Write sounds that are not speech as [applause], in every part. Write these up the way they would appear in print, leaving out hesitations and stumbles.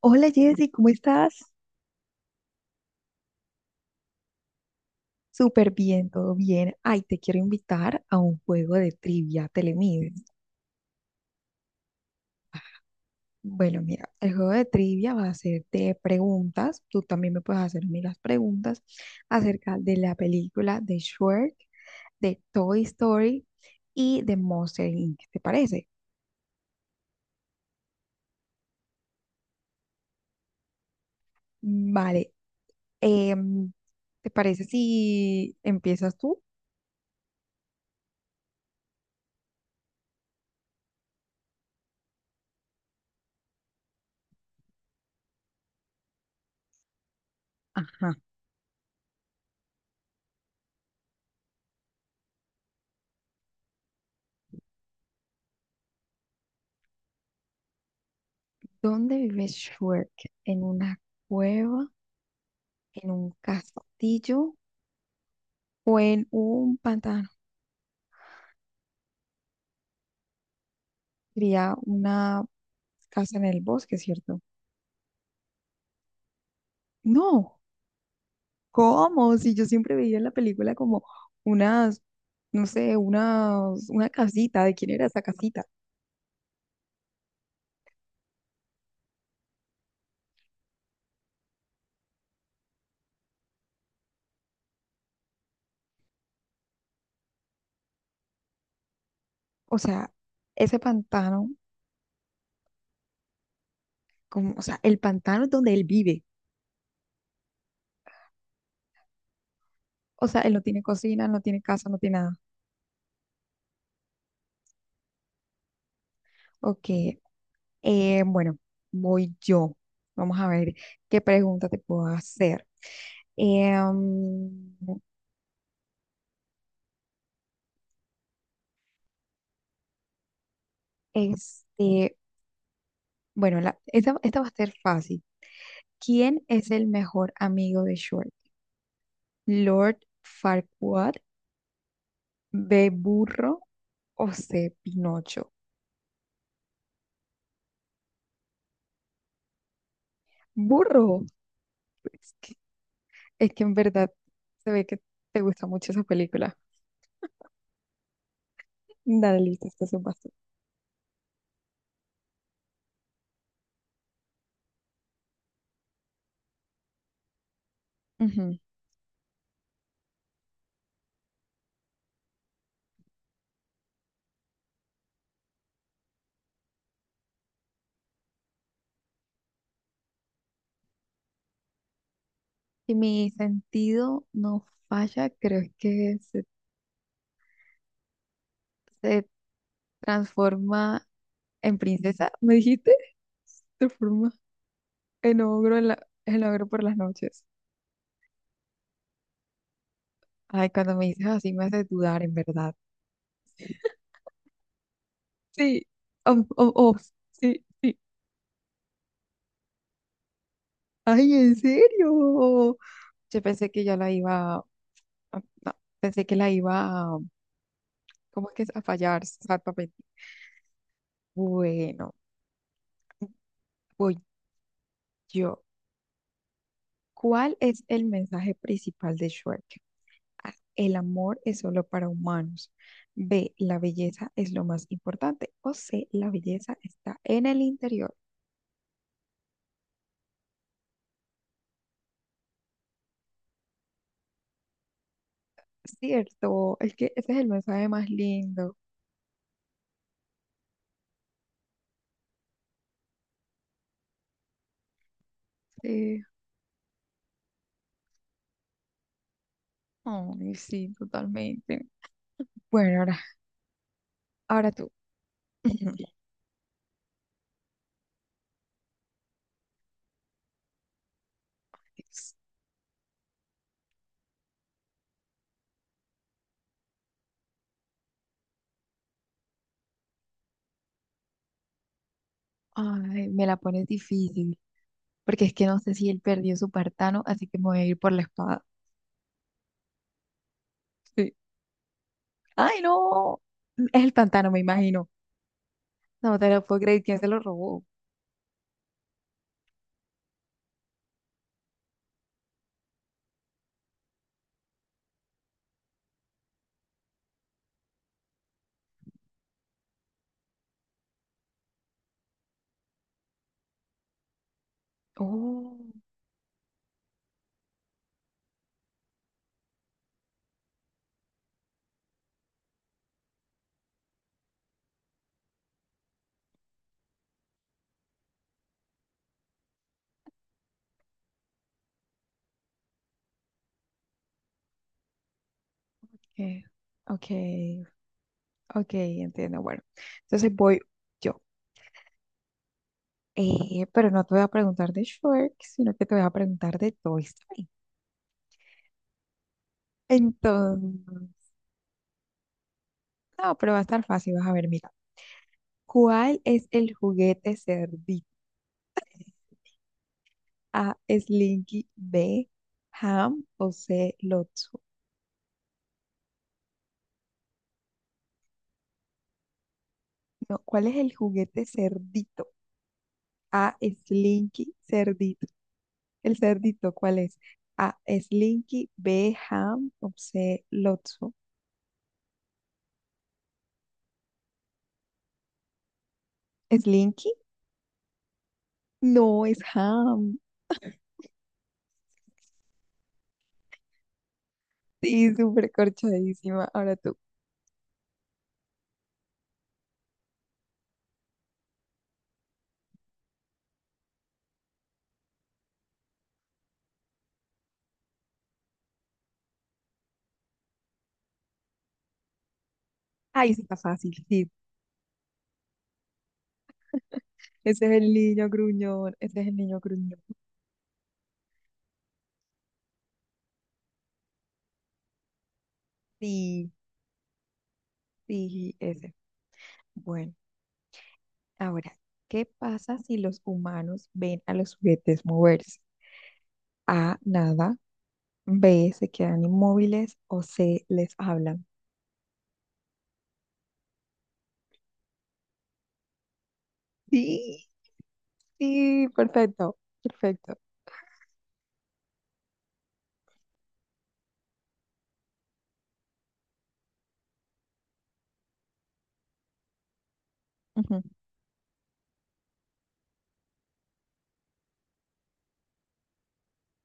Hola Jessy, ¿cómo estás? Súper bien, todo bien. Ay, te quiero invitar a un juego de trivia, Telemín. Bueno, mira, el juego de trivia va a ser de preguntas. Tú también me puedes hacer a mí las preguntas acerca de la película de Shrek, de Toy Story y de Monster Inc. ¿Te parece? Vale. em, ¿Te parece si empiezas tú? Ajá. ¿Dónde vive Shrek? ¿En una cueva? ¿En un castillo o en un pantano? Quería una casa en el bosque, ¿cierto? No, ¿cómo? Si yo siempre veía en la película como unas, no sé, una casita, ¿de quién era esa casita? O sea, ese pantano, como, o sea, el pantano es donde él vive. O sea, él no tiene cocina, no tiene casa, no tiene nada. Ok, bueno, voy yo. Vamos a ver qué pregunta te puedo hacer. Em, este, Bueno, esta va a ser fácil. ¿Quién es el mejor amigo de Short? ¿Lord Farquaad, B. Burro o C. Pinocho? Burro. Es que, es que en verdad se ve que te gusta mucho esa película. Dale, listo, este es un paso. Ujú. Si mi sentido no falla, creo que se transforma en princesa, ¿me dijiste? Se transforma en ogro, en ogro por las noches. Ay, cuando me dices así me haces dudar, en verdad. Sí. Oh, oh, oh, sí, sí. Ay, ¿en serio? Yo pensé que ya la iba, no, pensé que la iba, a- ¿cómo es que es? A fallar, exactamente. Bueno, voy yo. ¿Cuál es el mensaje principal de Shrek? A, el amor es solo para humanos. B, la belleza es lo más importante. O C, la belleza está en el interior. Cierto, es que ese es el mensaje más lindo. Sí. Ay, sí, totalmente. Bueno, ahora, ahora tú. [clears throat] [laughs] Ay, me la pones difícil, porque es que no sé si él perdió su pantano, así que me voy a ir por la espada. Sí. Ay, no. Es el pantano, me imagino. No te lo puedo creer, ¿quién se lo robó? Oh, ok, ok, ok, entiendo. Bueno, entonces voy yo. Pero no te voy a preguntar de Shrek, sino que te voy a preguntar de Toy Story. Entonces, no, pero va a estar fácil, vas a ver, mira. ¿Cuál es el juguete cerdito? A, Slinky, B, Ham o C, Lotso. No, ¿cuál es el juguete cerdito? A, Slinky, cerdito. El cerdito, ¿cuál es? A, Slinky, B, Ham o C, Lotso. ¿Slinky? No, es Ham. Sí, súper corchadísima. Ahora tú. Ay, ahí está fácil, sí. Ese es el niño gruñón, ese es el niño gruñón. Sí, sí, ese. Bueno. Ahora, ¿qué pasa si los humanos ven a los juguetes moverse? A, nada, B, se quedan inmóviles o C, les hablan. Sí, sí, perfecto, perfecto. Ujú.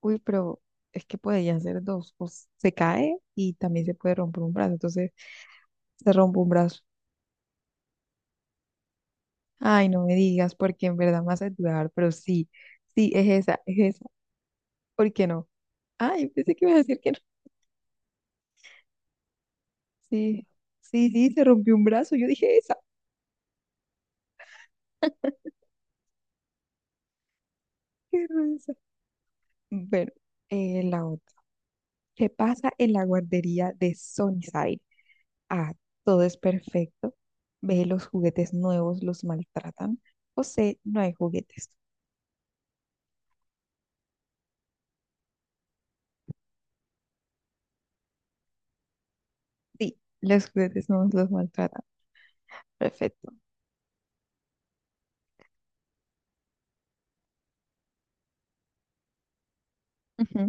Uy, pero es que podrían ser dos, se cae y también se puede romper un brazo, entonces se rompe un brazo. Ay, no me digas, porque en verdad me hace dudar, pero sí, sí, es esa, es esa. ¿Por qué no? Ay, pensé que ibas a decir que no. Sí, sí, sí, se rompió un brazo, yo dije esa. Qué bueno, la otra. ¿Qué pasa en la guardería de Sunnyside? A. Todo es perfecto. B. Los juguetes nuevos los maltratan. O C. No hay juguetes. Sí, los juguetes nuevos los maltratan. Perfecto. Ujú,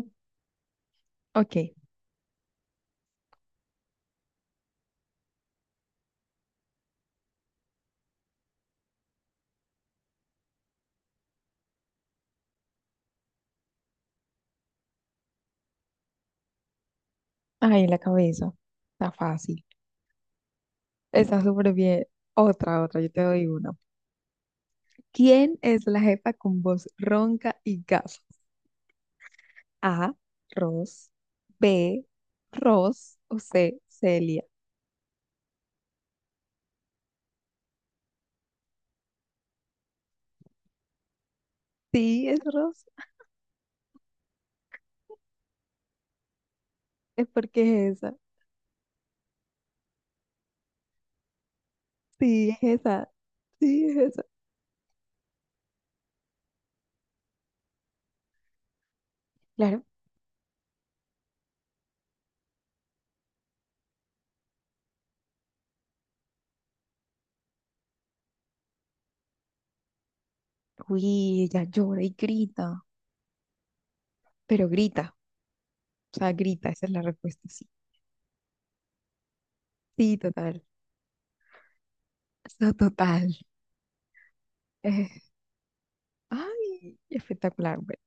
ok. Ahí la cabeza. Está fácil. Está súper bien. Otra, otra. Yo te doy una. ¿Quién es la jefa con voz ronca y gafas? A. Ross. B. Ross. O C. Celia. Sí, es Ross. Es porque es esa. Sí, es esa. Sí, es esa. Claro. Uy, ella llora y grita. Pero grita. O sea, grita. Esa es la respuesta, sí. Sí, total. So, total. Eh, ay, espectacular. Bueno,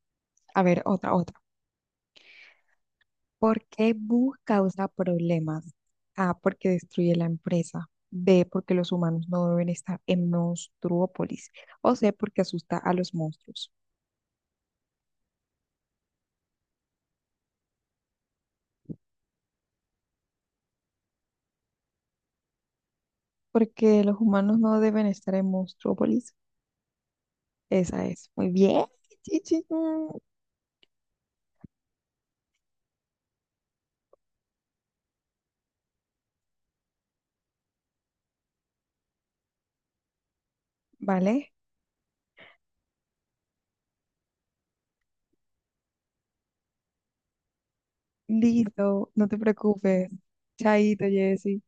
a ver, otra, otra. ¿Por qué Boo causa problemas? A, porque destruye la empresa. B, porque los humanos no deben estar en Monstruópolis. O C, porque asusta a los monstruos. Porque los humanos no deben estar en Monstruópolis. Esa es. Muy bien. Chichi. Vale. Listo. No te preocupes. Chaito, Jessy.